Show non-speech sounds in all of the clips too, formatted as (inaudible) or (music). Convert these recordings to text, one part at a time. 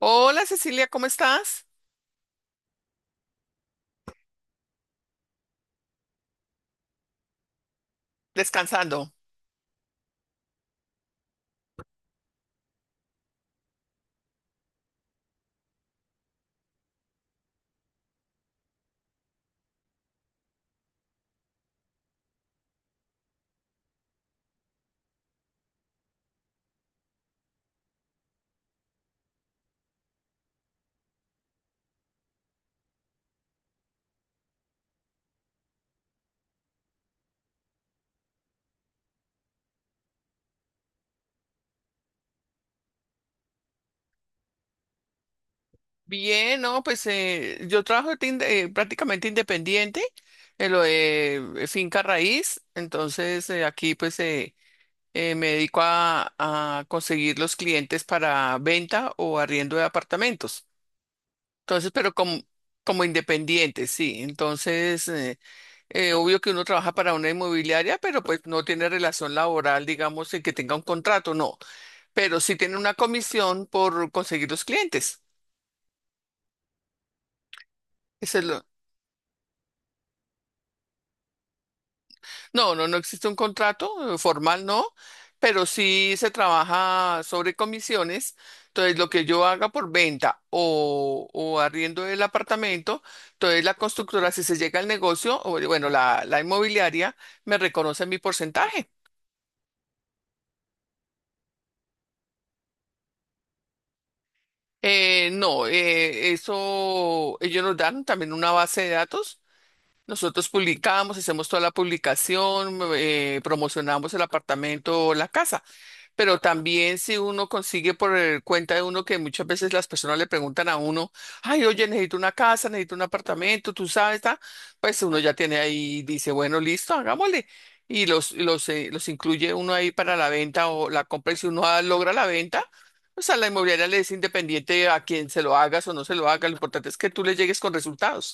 Hola Cecilia, ¿cómo estás? Descansando. Bien, no, pues yo trabajo de prácticamente independiente en lo de finca raíz, entonces aquí pues me dedico a conseguir los clientes para venta o arriendo de apartamentos. Entonces, pero como, como independiente, sí. Entonces, obvio que uno trabaja para una inmobiliaria, pero pues no tiene relación laboral, digamos, en que tenga un contrato, no. Pero sí tiene una comisión por conseguir los clientes. Eso es lo- No, no, no existe un contrato formal, no, pero sí se trabaja sobre comisiones. Entonces, lo que yo haga por venta o arriendo del apartamento, entonces la constructora, si se llega al negocio, o bueno, la inmobiliaria me reconoce mi porcentaje. No, eso ellos nos dan también una base de datos. Nosotros publicamos, hacemos toda la publicación, promocionamos el apartamento o la casa. Pero también si uno consigue cuenta de uno que muchas veces las personas le preguntan a uno, ay, oye, necesito una casa, necesito un apartamento, tú sabes, ta", pues uno ya tiene ahí, dice, bueno, listo, hagámosle. Y los incluye uno ahí para la venta o la compra. Y si uno logra la venta, pues a la inmobiliaria le es independiente a quien se lo hagas o no se lo haga. Lo importante es que tú le llegues con resultados.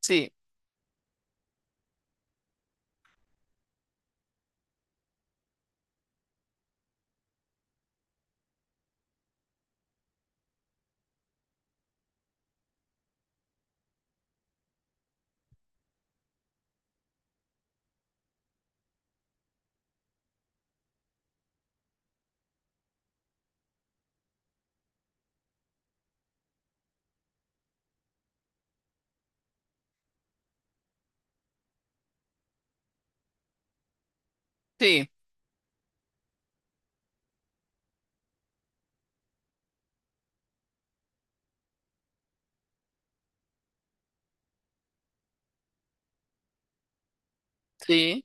Sí, sí, sí.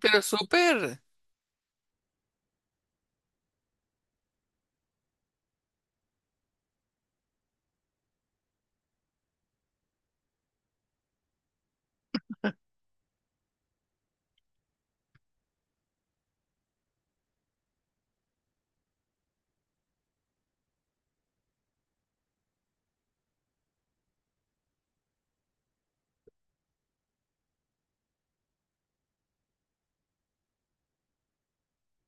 Pero súper.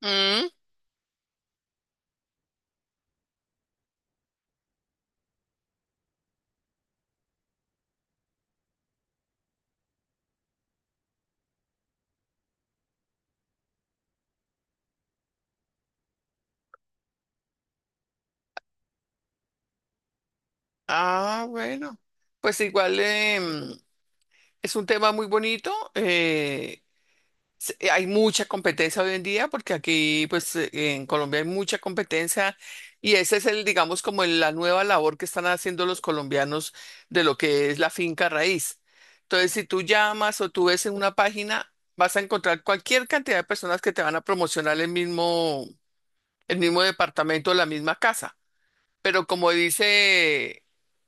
Mm. Ah, bueno. Pues igual. Es un tema muy bonito. Hay mucha competencia hoy en día porque aquí, pues, en Colombia hay mucha competencia y ese es el, digamos, como la nueva labor que están haciendo los colombianos de lo que es la finca raíz. Entonces, si tú llamas o tú ves en una página, vas a encontrar cualquier cantidad de personas que te van a promocionar el mismo departamento, la misma casa. Pero como dice...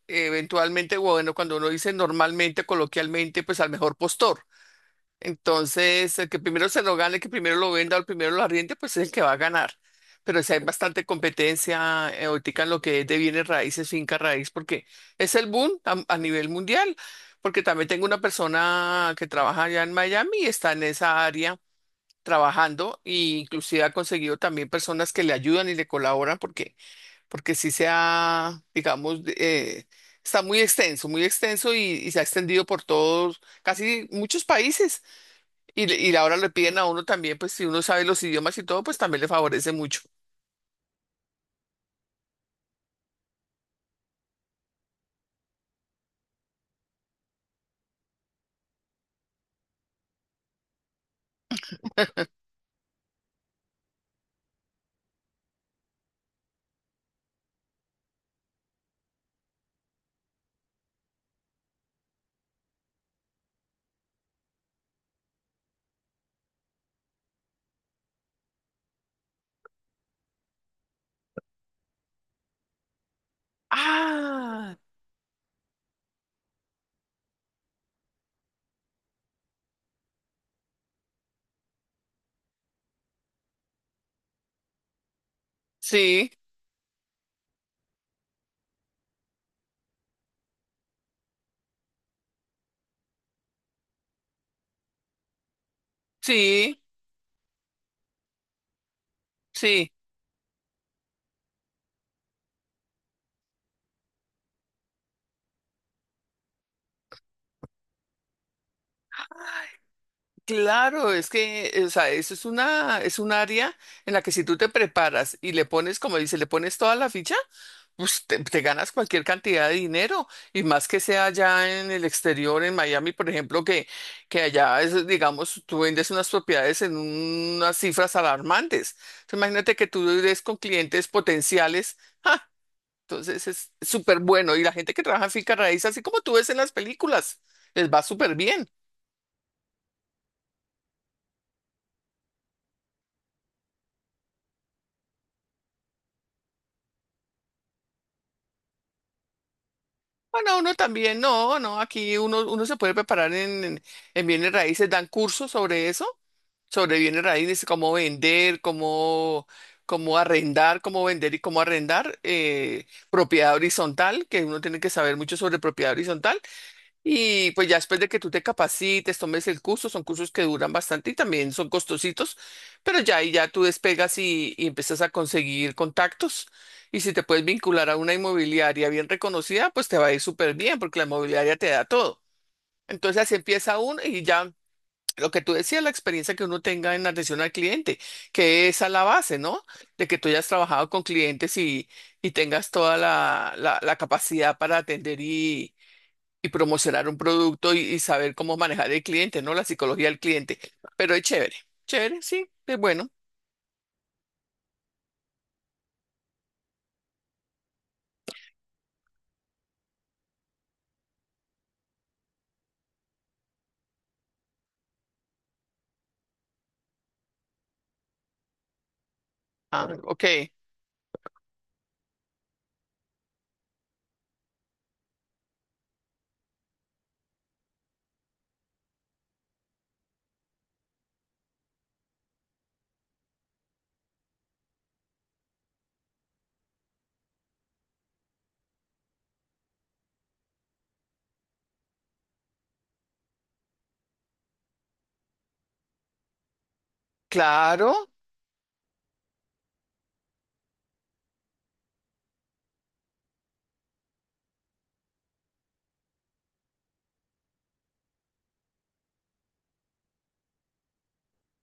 Eventualmente, bueno, cuando uno dice normalmente, coloquialmente, pues al mejor postor. Entonces, el que primero se lo gane, el que primero lo venda o el primero lo arriende, pues es el que va a ganar. Pero si hay bastante competencia ahorita en lo que es de bienes raíces, finca raíz, porque es el boom a nivel mundial. Porque también tengo una persona que trabaja allá en Miami y está en esa área trabajando e inclusive ha conseguido también personas que le ayudan y le colaboran porque, porque sí se ha, digamos, está muy extenso y se ha extendido por todos, casi muchos países. Y ahora le piden a uno también, pues si uno sabe los idiomas y todo, pues también le favorece mucho. Ah, sí, sí, sí. Claro, es que, o sea, eso es una, es un área en la que si tú te preparas y le pones, como dice, le pones toda la ficha, pues te ganas cualquier cantidad de dinero y más que sea allá en el exterior, en Miami, por ejemplo, que allá, es, digamos, tú vendes unas propiedades en unas cifras alarmantes. Entonces, imagínate que tú des con clientes potenciales. (laughs) Entonces es súper bueno. Y la gente que trabaja en finca raíz, así como tú ves en las películas, les va súper bien. Bueno, uno también, no, no, aquí uno, uno se puede preparar en bienes raíces, dan cursos sobre eso, sobre bienes raíces, cómo vender, cómo, cómo arrendar, cómo vender y cómo arrendar, propiedad horizontal, que uno tiene que saber mucho sobre propiedad horizontal, y pues ya después de que tú te capacites, tomes el curso, son cursos que duran bastante y también son costositos, pero ya ahí ya tú despegas y empiezas a conseguir contactos. Y si te puedes vincular a una inmobiliaria bien reconocida, pues te va a ir súper bien porque la inmobiliaria te da todo. Entonces así empieza uno y ya lo que tú decías, la experiencia que uno tenga en atención al cliente, que esa es la base, ¿no? De que tú hayas trabajado con clientes y tengas toda la la capacidad para atender y promocionar un producto y saber cómo manejar el cliente, ¿no? La psicología del cliente. Pero es chévere, chévere, sí, es bueno. Ah, ok, claro.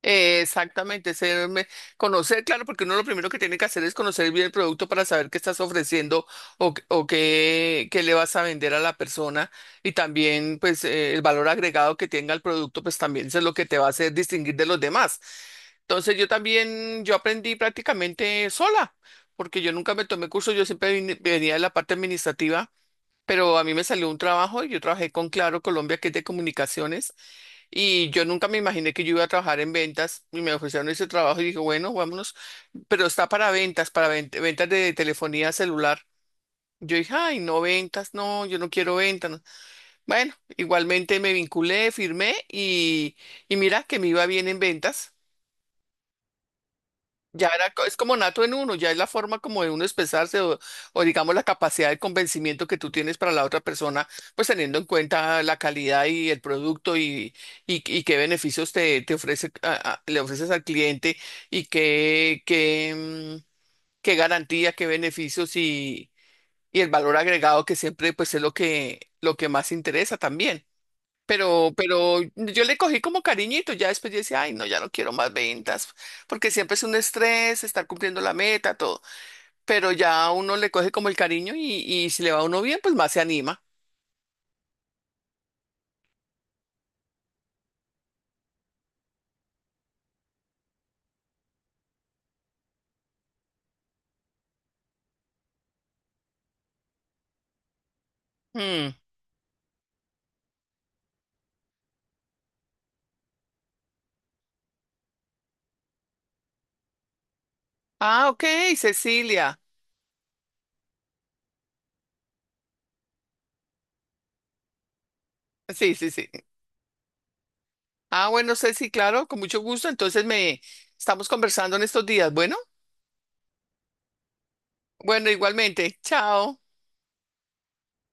Exactamente, conocer, claro, porque uno lo primero que tiene que hacer es conocer bien el producto para saber qué estás ofreciendo o, o qué, qué le vas a vender a la persona y también pues el valor agregado que tenga el producto pues también eso es lo que te va a hacer distinguir de los demás. Entonces yo también, yo aprendí prácticamente sola, porque yo nunca me tomé curso, yo siempre venía de la parte administrativa, pero a mí me salió un trabajo y yo trabajé con Claro Colombia, que es de comunicaciones. Y yo nunca me imaginé que yo iba a trabajar en ventas y me ofrecieron ese trabajo y dije, bueno, vámonos, pero está para ventas, para ventas de telefonía celular. Yo dije, ay, no ventas, no, yo no quiero ventas. No". Bueno, igualmente me vinculé, firmé y mira que me iba bien en ventas. Ya era, es como nato en uno, ya es la forma como de uno expresarse o digamos la capacidad de convencimiento que tú tienes para la otra persona, pues teniendo en cuenta la calidad y el producto y qué beneficios te, te ofrece, le ofreces al cliente y qué, qué garantía, qué beneficios y el valor agregado que siempre pues es lo que más interesa también. Pero yo le cogí como cariñito, ya después yo decía, ay, no, ya no quiero más ventas, porque siempre es un estrés estar cumpliendo la meta, todo. Pero ya uno le coge como el cariño y si le va a uno bien, pues más se anima. Mm. Ah, ok, Cecilia. Sí, sí, sí. Ah, bueno, Ceci, claro, con mucho gusto. Entonces me estamos conversando en estos días. Bueno, bueno, igualmente. Chao.